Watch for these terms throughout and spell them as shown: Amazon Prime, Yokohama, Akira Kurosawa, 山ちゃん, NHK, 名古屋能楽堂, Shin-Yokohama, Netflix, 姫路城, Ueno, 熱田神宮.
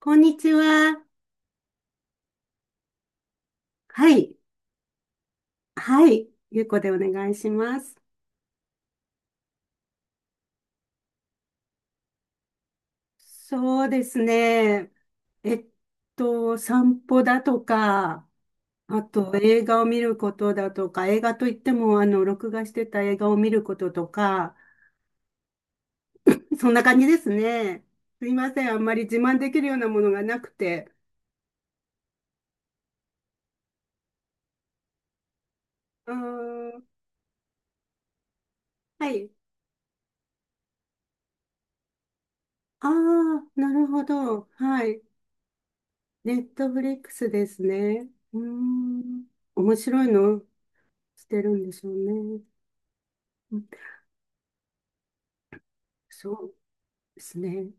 こんにちは。はい。はい。ゆうこでお願いします。そうですね。えっ散歩だとか、あと映画を見ることだとか、映画といっても、録画してた映画を見ることとか、そんな感じですね。すいません。あんまり自慢できるようなものがなくて。うーん。はい。ああ、なるほど。はい。ネットフリックスですね。うーん。面白いのしてるんでしょうね。そうですね。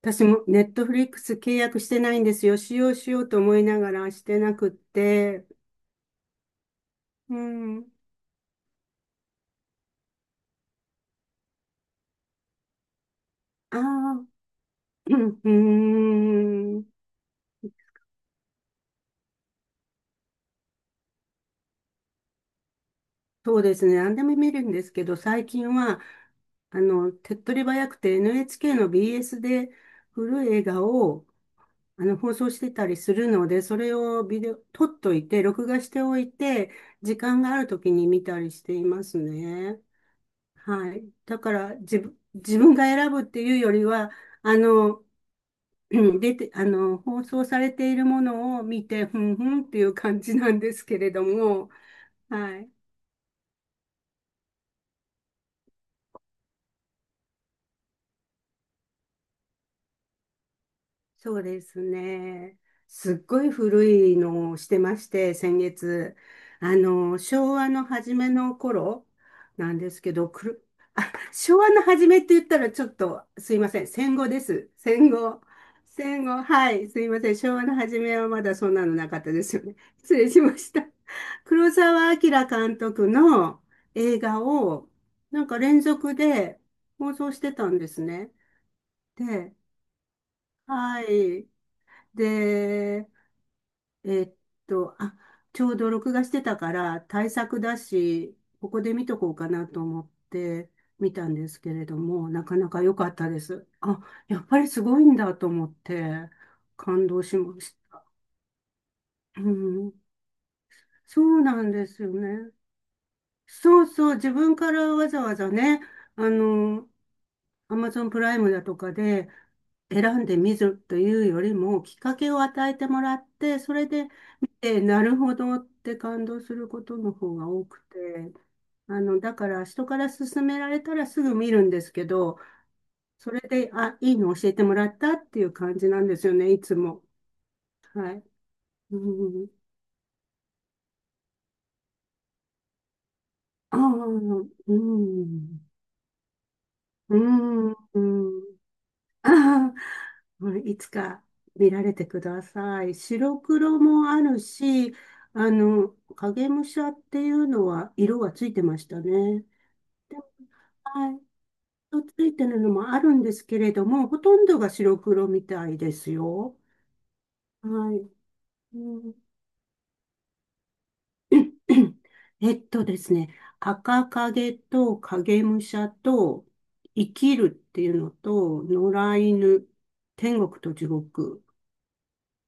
私もネットフリックス契約してないんですよ。使用しようと思いながらしてなくって。うん。ああ、うん、うーん。そうですね。何でも見るんですけど、最近は、手っ取り早くて NHK の BS で古い映画を放送してたりするので、それをビデオ、撮っといて、録画しておいて、時間がある時に見たりしていますね。はい。だから、自分が選ぶっていうよりは、あの、うん出て、放送されているものを見て、ふんふんっていう感じなんですけれども、はい。そうですね。すっごい古いのをしてまして、先月。昭和の初めの頃なんですけど、あ、昭和の初めって言ったらちょっと、すいません。戦後です。戦後。戦後。はい。すいません。昭和の初めはまだそんなのなかったですよね。失礼しました。黒澤明監督の映画を、なんか連続で放送してたんですね。で、はい。で、えーっあ、ちょうど録画してたから対策だし、ここで見とこうかなと思って見たんですけれども、なかなか良かったです。あ、やっぱりすごいんだと思って感動しました。うん、そうなんですよね。そうそう、自分からわざわざね、あの、アマゾンプライムだとかで選んでみるというよりも、きっかけを与えてもらって、それで見て、なるほどって感動することの方が多くて、だから人から勧められたらすぐ見るんですけど、それで、あ、いいの教えてもらったっていう感じなんですよね、いつも。はい。うん。ああ、うん。うん。うん。あーうんいつか見られてください。白黒もあるし、あの、影武者っていうのは色がついてましたね。で、はい、とついてるのもあるんですけれども、ほとんどが白黒みたいですよ。はい。うん えっとですね、赤影と影武者と生きるっていうのと野良犬、天国と地獄っ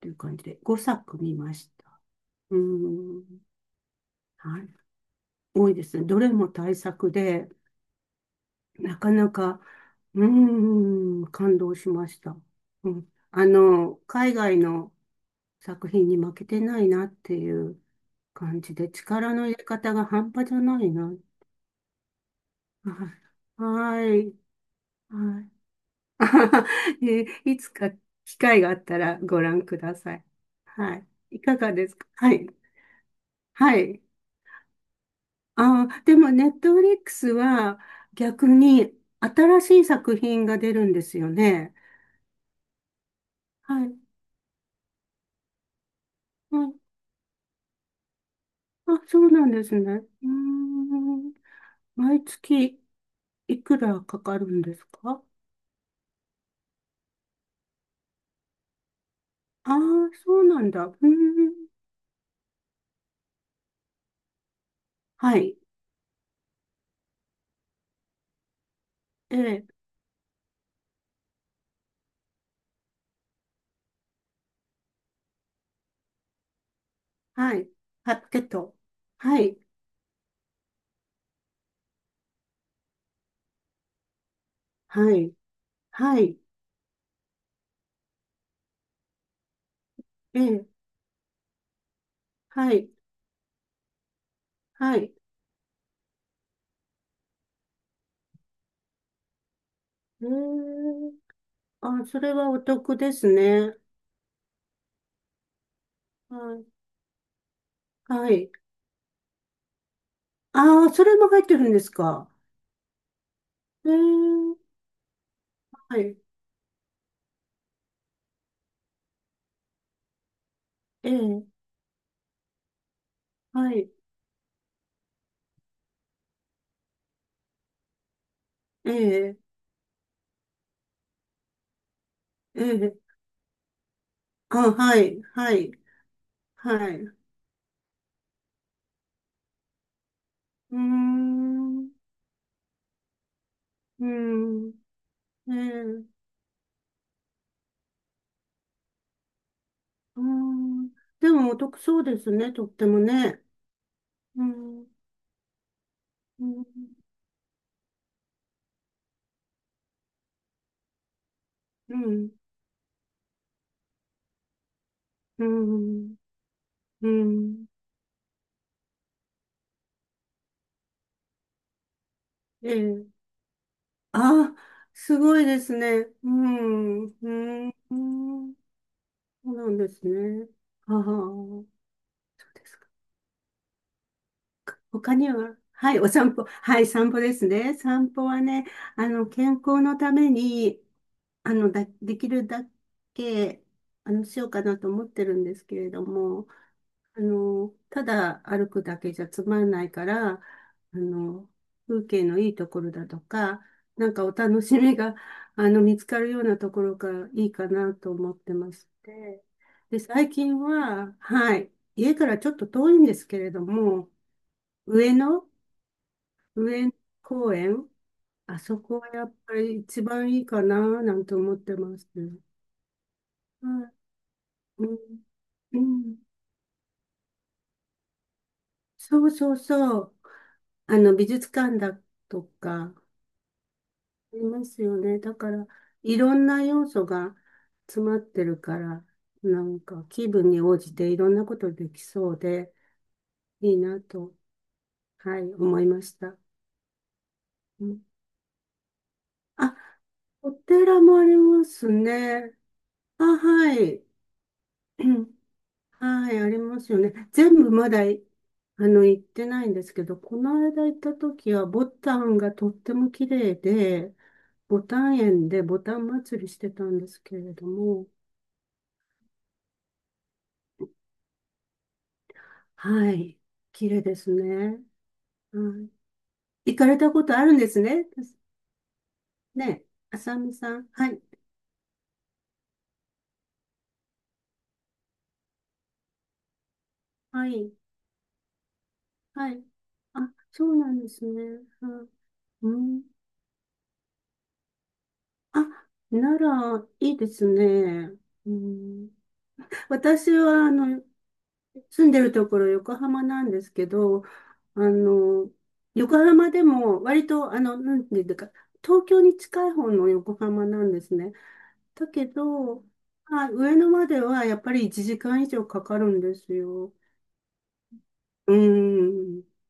ていう感じで5作見ました。うん。はい。多いですね。どれも対策で、なかなか、感動しました。うん。海外の作品に負けてないなっていう感じで、力の入れ方が半端じゃないな。はい。はい。はい。あははえいつか機会があったらご覧ください。はい。いかがですか？はい。はい。ああ、でも、ネットフリックスは逆に新しい作品が出るんですよね。はい。はい。あ、そうなんですね。うーん。毎月いくらかかるんですか？ああー、そうなんだ。うーん。はい。ええ、はい。パッケット。はい。はい。はい。ええ、はい。はい。ええ、あ、それはお得ですね。はい。はい。ああ、それも入ってるんですか？えー、はい、えー、はい、えー、えー、あ、はい、はい、はい。うーん、うーん、えー、うーん。でもお得そうですね、とってもね。うん、うん、うん、うん、うん、えー、あ、すごいですね。うん、うん、うんそうなんですね。ああ、です他には、はい、お散歩、はい、散歩ですね。散歩はね、健康のために、だ、できるだけ、しようかなと思ってるんですけれども、ただ歩くだけじゃつまんないから、の、風景のいいところだとか、なんかお楽しみが、見つかるようなところがいいかなと思ってまして。で、最近は、はい、家からちょっと遠いんですけれども、上野上野公園、あそこはやっぱり一番いいかななんて思ってますね。はいうん、うん、そうそうそう。美術館だとか、ありますよね。だから、いろんな要素が詰まってるから、なんか気分に応じていろんなことできそうで、いいなと、はい、思いました。うんあ、お寺もありますね。あ、はい。はい、ありますよね。全部まだい、行ってないんですけど、この間行った時は、ボタンがとっても綺麗で、ボタン園でボタン祭りしてたんですけれども、はい、綺麗ですね。はい、行かれたことあるんですね。ね、あさみさん。はい、はい、はい。あ、そうなんですね。はいうんあ、なら、いいですね。うん私は、住んでるところ横浜なんですけど、あの、横浜でも割と、なんていうか、東京に近い方の横浜なんですね。だけど、まあ、上野まではやっぱり1時間以上かかるんですよ。うーん。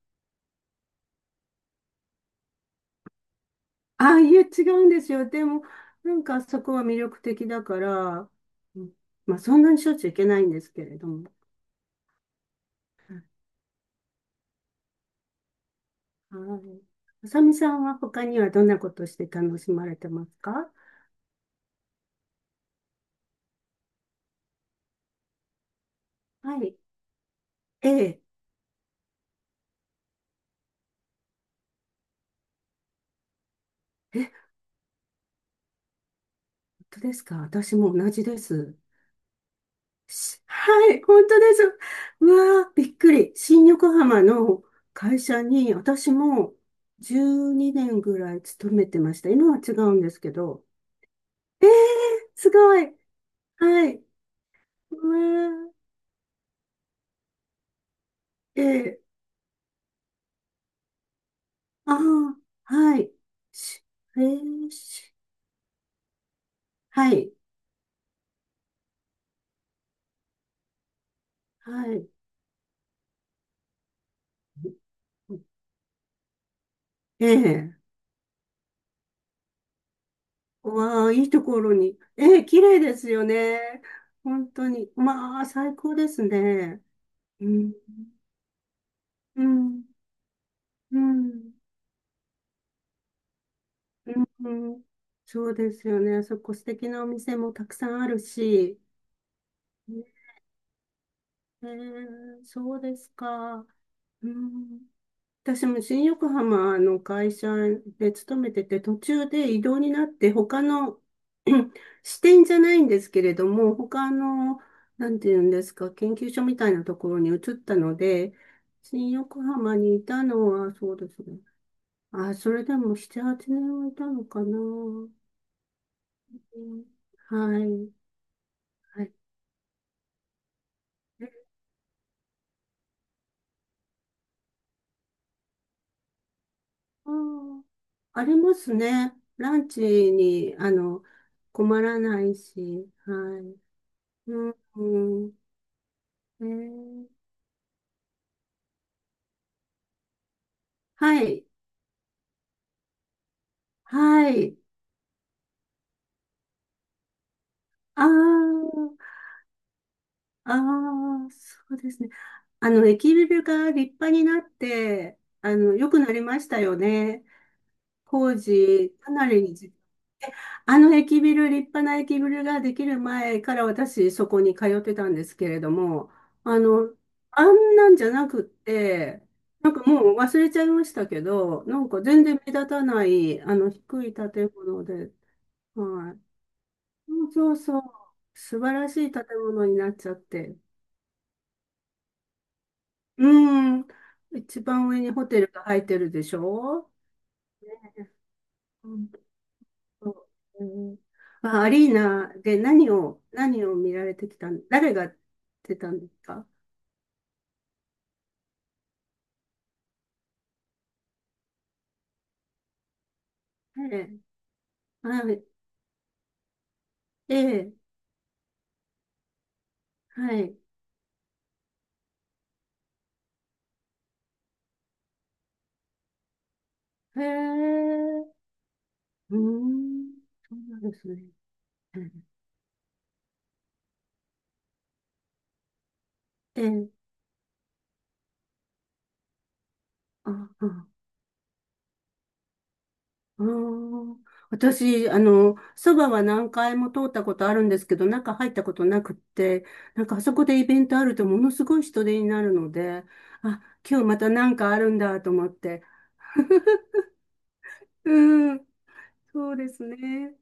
ああ、いや、違うんですよ。でも、なんかそこは魅力的だから、うんまあ、そんなにしょっちゅう行けないんですけれども。はい。あさみさんは他にはどんなことして楽しまれてますか？はい。ええ。え当ですか？私も同じです。はい、本当です。うわー、びっくり。新横浜の会社に私も12年ぐらい勤めてました。今は違うんですけど。えー、すごい。はい。うわー、えー、あー、はい。しえー、はい、はい。ええ、わあ、いいところに。ええ、綺麗ですよね。本当に。まあ、最高ですね。うん、うん、うん、うん、うんそうですよね。そこ素敵なお店もたくさんあるし。ねえーそうですか。うん、私も新横浜の会社で勤めてて、途中で異動になって、他の 支店じゃないんですけれども、他の、なんていうんですか、研究所みたいなところに移ったので、新横浜にいたのは、そうですね。あ、それでも7、8年はいたのかな。うんはい。はい。えあー、ありますね。ランチに、困らないし。はい。うん、うんえーはい。はい。ああ、ああ、そうですね。駅ビルが立派になって、良くなりましたよね。工事、かなり時あの駅ビル、立派な駅ビルができる前から私そこに通ってたんですけれども、あの、あんなんじゃなくって、なんかもう忘れちゃいましたけど、なんか全然目立たない、あの低い建物で、はい。そうそうそう、素晴らしい建物になっちゃって。うん、一番上にホテルが入ってるでしょね。そう、うん、まあ、アリーナで何を見られてきたん、誰が出たんですか？ええ、はい、ええ、はい、へえ。うん、そうなんですね。ええ、ええあ、あ、あー、私、そばは何回も通ったことあるんですけど、中入ったことなくって、なんかあそこでイベントあるとものすごい人手になるので、あ、今日またなんかあるんだと思って、うんそうですね。